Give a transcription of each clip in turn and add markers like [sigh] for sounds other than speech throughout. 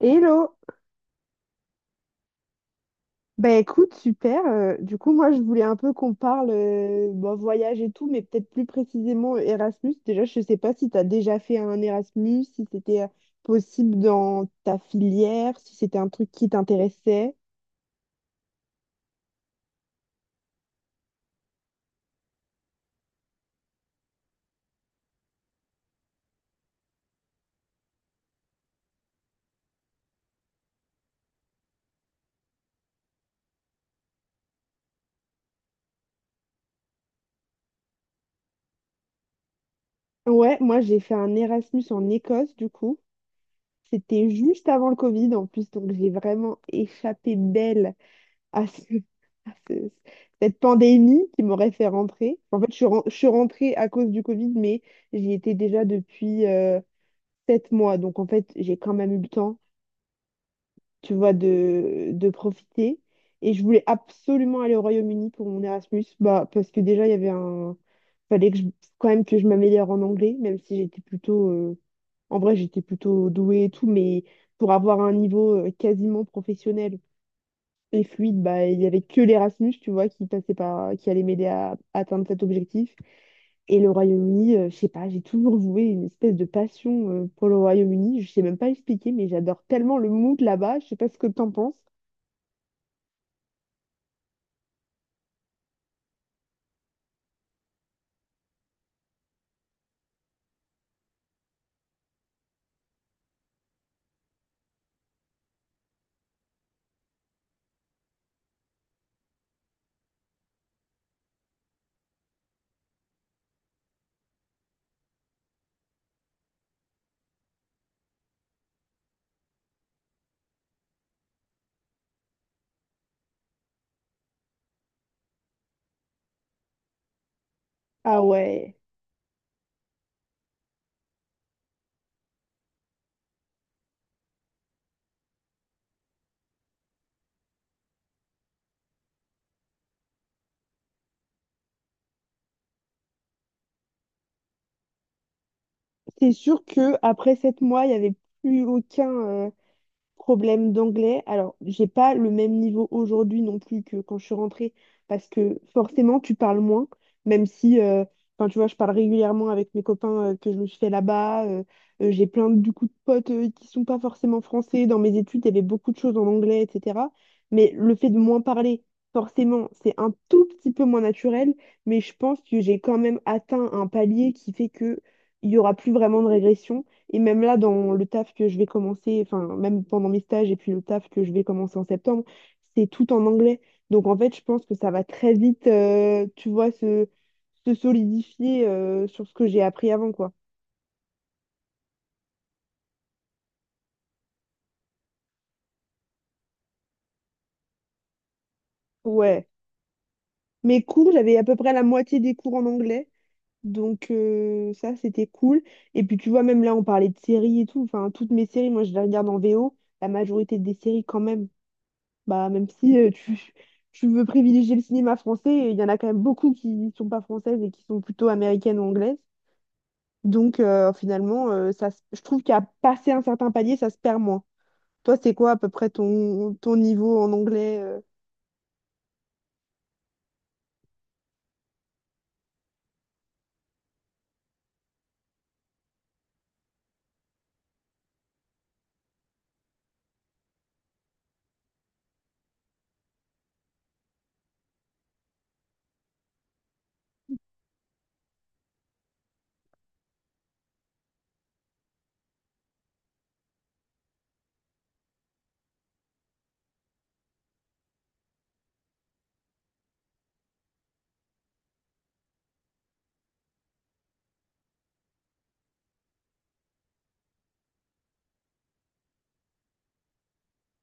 Hello! Bah écoute, super. Du coup, moi, je voulais un peu qu'on parle bon, voyage et tout, mais peut-être plus précisément Erasmus. Déjà, je sais pas si tu as déjà fait un Erasmus, si c'était possible dans ta filière, si c'était un truc qui t'intéressait. Ouais, moi, j'ai fait un Erasmus en Écosse, du coup. C'était juste avant le Covid, en plus, donc j'ai vraiment échappé belle. à, ce- [laughs] à ce- cette pandémie qui m'aurait fait rentrer. En fait, je suis rentrée à cause du Covid, mais j'y étais déjà depuis sept mois. Donc, en fait, j'ai quand même eu le temps, tu vois, de profiter. Et je voulais absolument aller au Royaume-Uni pour mon Erasmus, bah, parce que déjà, il y avait un... fallait que je- quand même que je m'améliore en anglais, même si j'étais plutôt... en vrai, j'étais plutôt douée et tout, mais pour avoir un niveau quasiment professionnel. Et fluide, bah, il y avait que l'Erasmus, tu vois, qui allait m'aider atteindre cet objectif. Et le Royaume-Uni, je sais pas, j'ai toujours voué une espèce de passion pour le Royaume-Uni. Je sais même pas expliquer, mais j'adore tellement le mood là-bas. Je sais pas ce que t'en penses. Ah ouais. C'est sûr que après sept mois, il y avait plus aucun, problème d'anglais. Alors, j'ai pas le même niveau aujourd'hui non plus que quand je suis rentrée, parce que forcément, tu parles moins, même si, enfin, tu vois, je parle régulièrement avec mes copains que je me suis fait là-bas. J'ai plein du coup de potes qui sont pas forcément français. Dans mes études, il y avait beaucoup de choses en anglais, etc. Mais le fait de moins parler, forcément, c'est un tout petit peu moins naturel, mais je pense que j'ai quand même atteint un palier qui fait que il y aura plus vraiment de régression. Et même là, dans le taf que je vais commencer, enfin, même pendant mes stages et puis le taf que je vais commencer en septembre, c'est tout en anglais. Donc, en fait, je pense que ça va très vite, tu vois, se solidifier sur ce que j'ai appris avant, quoi. Ouais. Mes cours, j'avais à peu près la moitié des cours en anglais. Donc, ça, c'était cool. Et puis, tu vois, même là, on parlait de séries et tout. Enfin, toutes mes séries, moi, je les regarde en VO. La majorité des séries, quand même. Bah, même si tu veux privilégier le cinéma français, il y en a quand même beaucoup qui ne sont pas françaises et qui sont plutôt américaines ou anglaises. Donc finalement, je trouve qu'à passer un certain palier, ça se perd moins. Toi, c'est quoi à peu près ton niveau en anglais?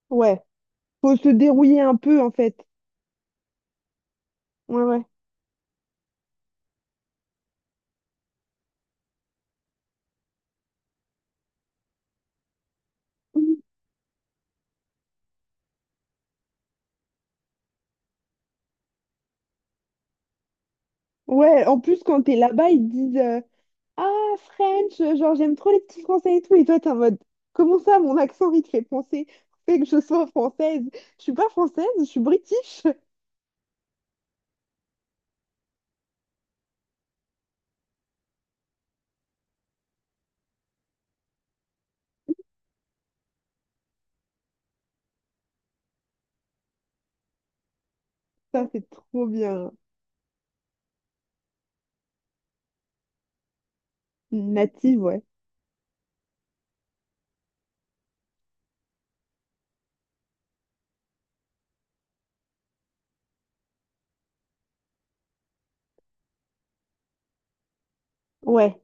Ouais, faut se dérouiller un peu en fait. Ouais, ouais. Mhm. Ouais, en plus, quand t'es là-bas, ils te disent ah, French, genre j'aime trop les petits français et tout. Et toi, t'es en mode comment ça, mon accent, il te fait penser fait que je sois française? Je suis pas française, je suis british. Ça, c'est trop bien. Native, ouais. Ouais.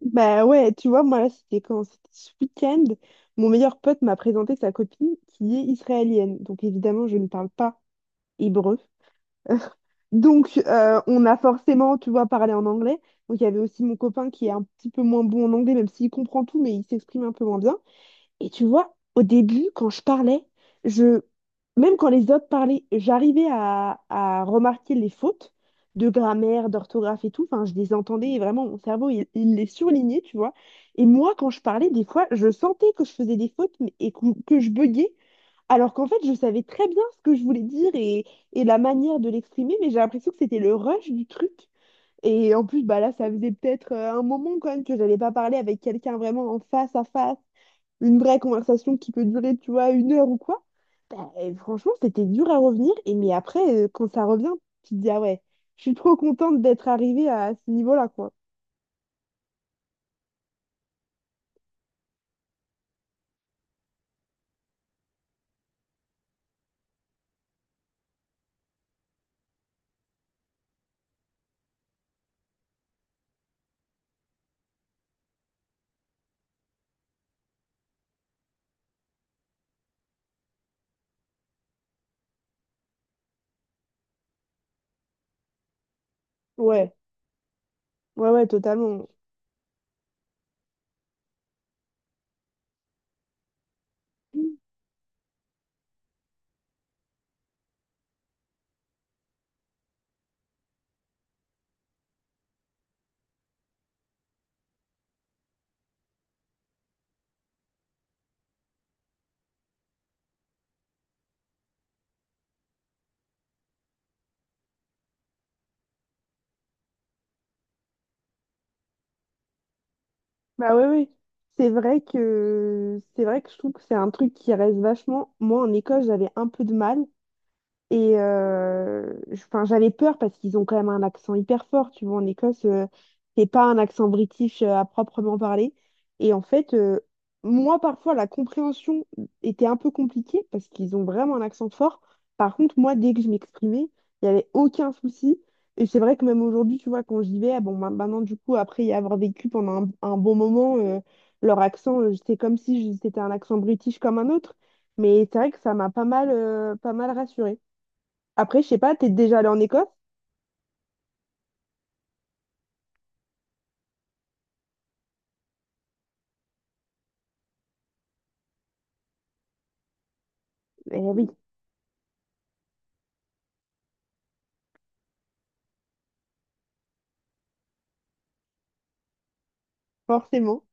Bah ouais, tu vois, moi, là, c'était quand? C'était ce week-end. Mon meilleur pote m'a présenté sa copine qui est israélienne. Donc, évidemment, je ne parle pas hébreu. [laughs] Donc, on a forcément, tu vois, parlé en anglais. Donc, il y avait aussi mon copain qui est un petit peu moins bon en anglais, même s'il comprend tout, mais il s'exprime un peu moins bien. Et tu vois, au début, quand je parlais, je, même quand les autres parlaient, j'arrivais à remarquer les fautes de grammaire, d'orthographe et tout. Enfin, je les entendais et vraiment, mon cerveau, il les surlignait, tu vois. Et moi, quand je parlais, des fois, je sentais que je faisais des fautes mais- que je buguais, alors qu'en fait, je savais très bien ce que je voulais dire et la manière de l'exprimer, mais j'ai l'impression que c'était le rush du truc. Et en plus, bah là, ça faisait peut-être un moment quand même que j'avais pas parlé avec quelqu'un vraiment en face à face, une vraie conversation qui peut durer, tu vois, une heure ou quoi, bah, franchement, c'était dur à revenir. Et mais après, quand ça revient, tu te dis, ah ouais, je suis trop contente d'être arrivée à ce niveau-là, quoi. Ouais, ouais, ouais, totalement. Bah ouais, ouais. C'est vrai que je trouve que c'est un truc qui reste vachement. Moi, en école, j'avais un peu de mal. Et 'fin, j'avais peur parce qu'ils ont quand même un accent hyper fort. Tu vois, en Écosse, c'est pas un accent british à proprement parler. Et en fait, moi, parfois, la compréhension était un peu compliquée parce qu'ils ont vraiment un accent fort. Par contre, moi, dès que je m'exprimais, il n'y avait aucun souci. Et c'est vrai que même aujourd'hui, tu vois, quand j'y vais, ah bon, maintenant, du coup, après y avoir vécu pendant un bon moment, leur accent, c'est comme si je- c'était un accent british comme un autre. Mais c'est vrai que ça m'a pas mal, pas mal rassurée. Après, je sais pas, t'es déjà allé en Écosse? Eh oui, forcément.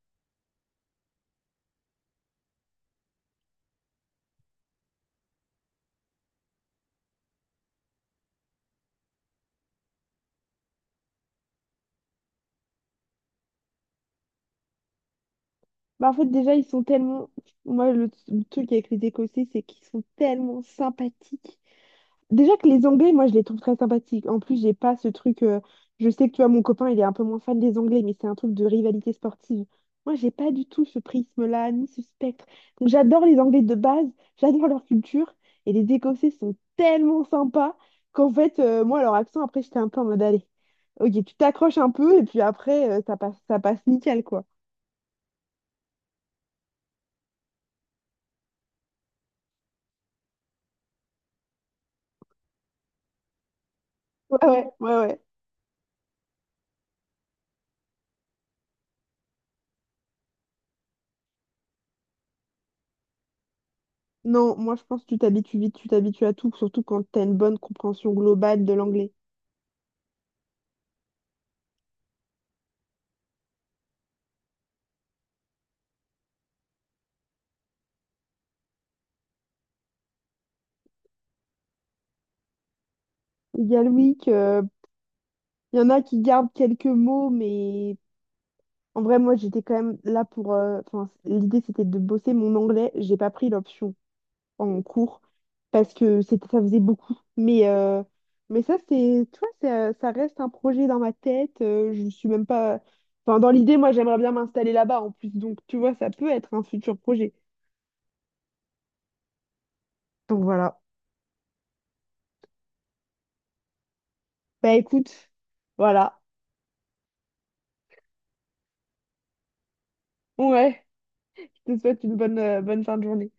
Bah, en fait, déjà, ils sont tellement. Moi, le truc avec les Écossais, c'est qu'ils sont tellement sympathiques. Déjà que les Anglais, moi, je les trouve très sympathiques. En plus, j'ai pas ce truc. Je sais que tu vois, mon copain, il est un peu moins fan des Anglais, mais c'est un truc de rivalité sportive. Moi, j'ai pas du tout ce prisme-là, ni ce spectre. Donc, j'adore les Anglais de base, [laughs] j'adore leur culture, et les Écossais sont tellement sympas qu'en fait, moi, leur accent, après, j'étais un peu en mode, allez, ok, tu t'accroches un peu, et puis après, ça passe nickel, quoi. Ouais, ouais, ouais, ouais. Non, moi, je pense que tu t'habitues vite, tu t'habitues à tout, surtout quand t'as une bonne compréhension globale de l'anglais. Il y a le week, il y en a qui gardent quelques mots, mais en vrai, moi, j'étais quand même là pour. Enfin, l'idée, c'était de bosser mon anglais. J'ai pas pris l'option en cours parce que c'était, ça faisait beaucoup. Mais, mais ça, c'est, tu vois, ça reste un projet dans ma tête. Je suis même pas. Enfin, dans l'idée, moi, j'aimerais bien m'installer là-bas en plus. Donc, tu vois, ça peut être un futur projet. Donc, voilà. Bah, écoute, voilà. Ouais, je te souhaite une bonne, bonne fin de journée.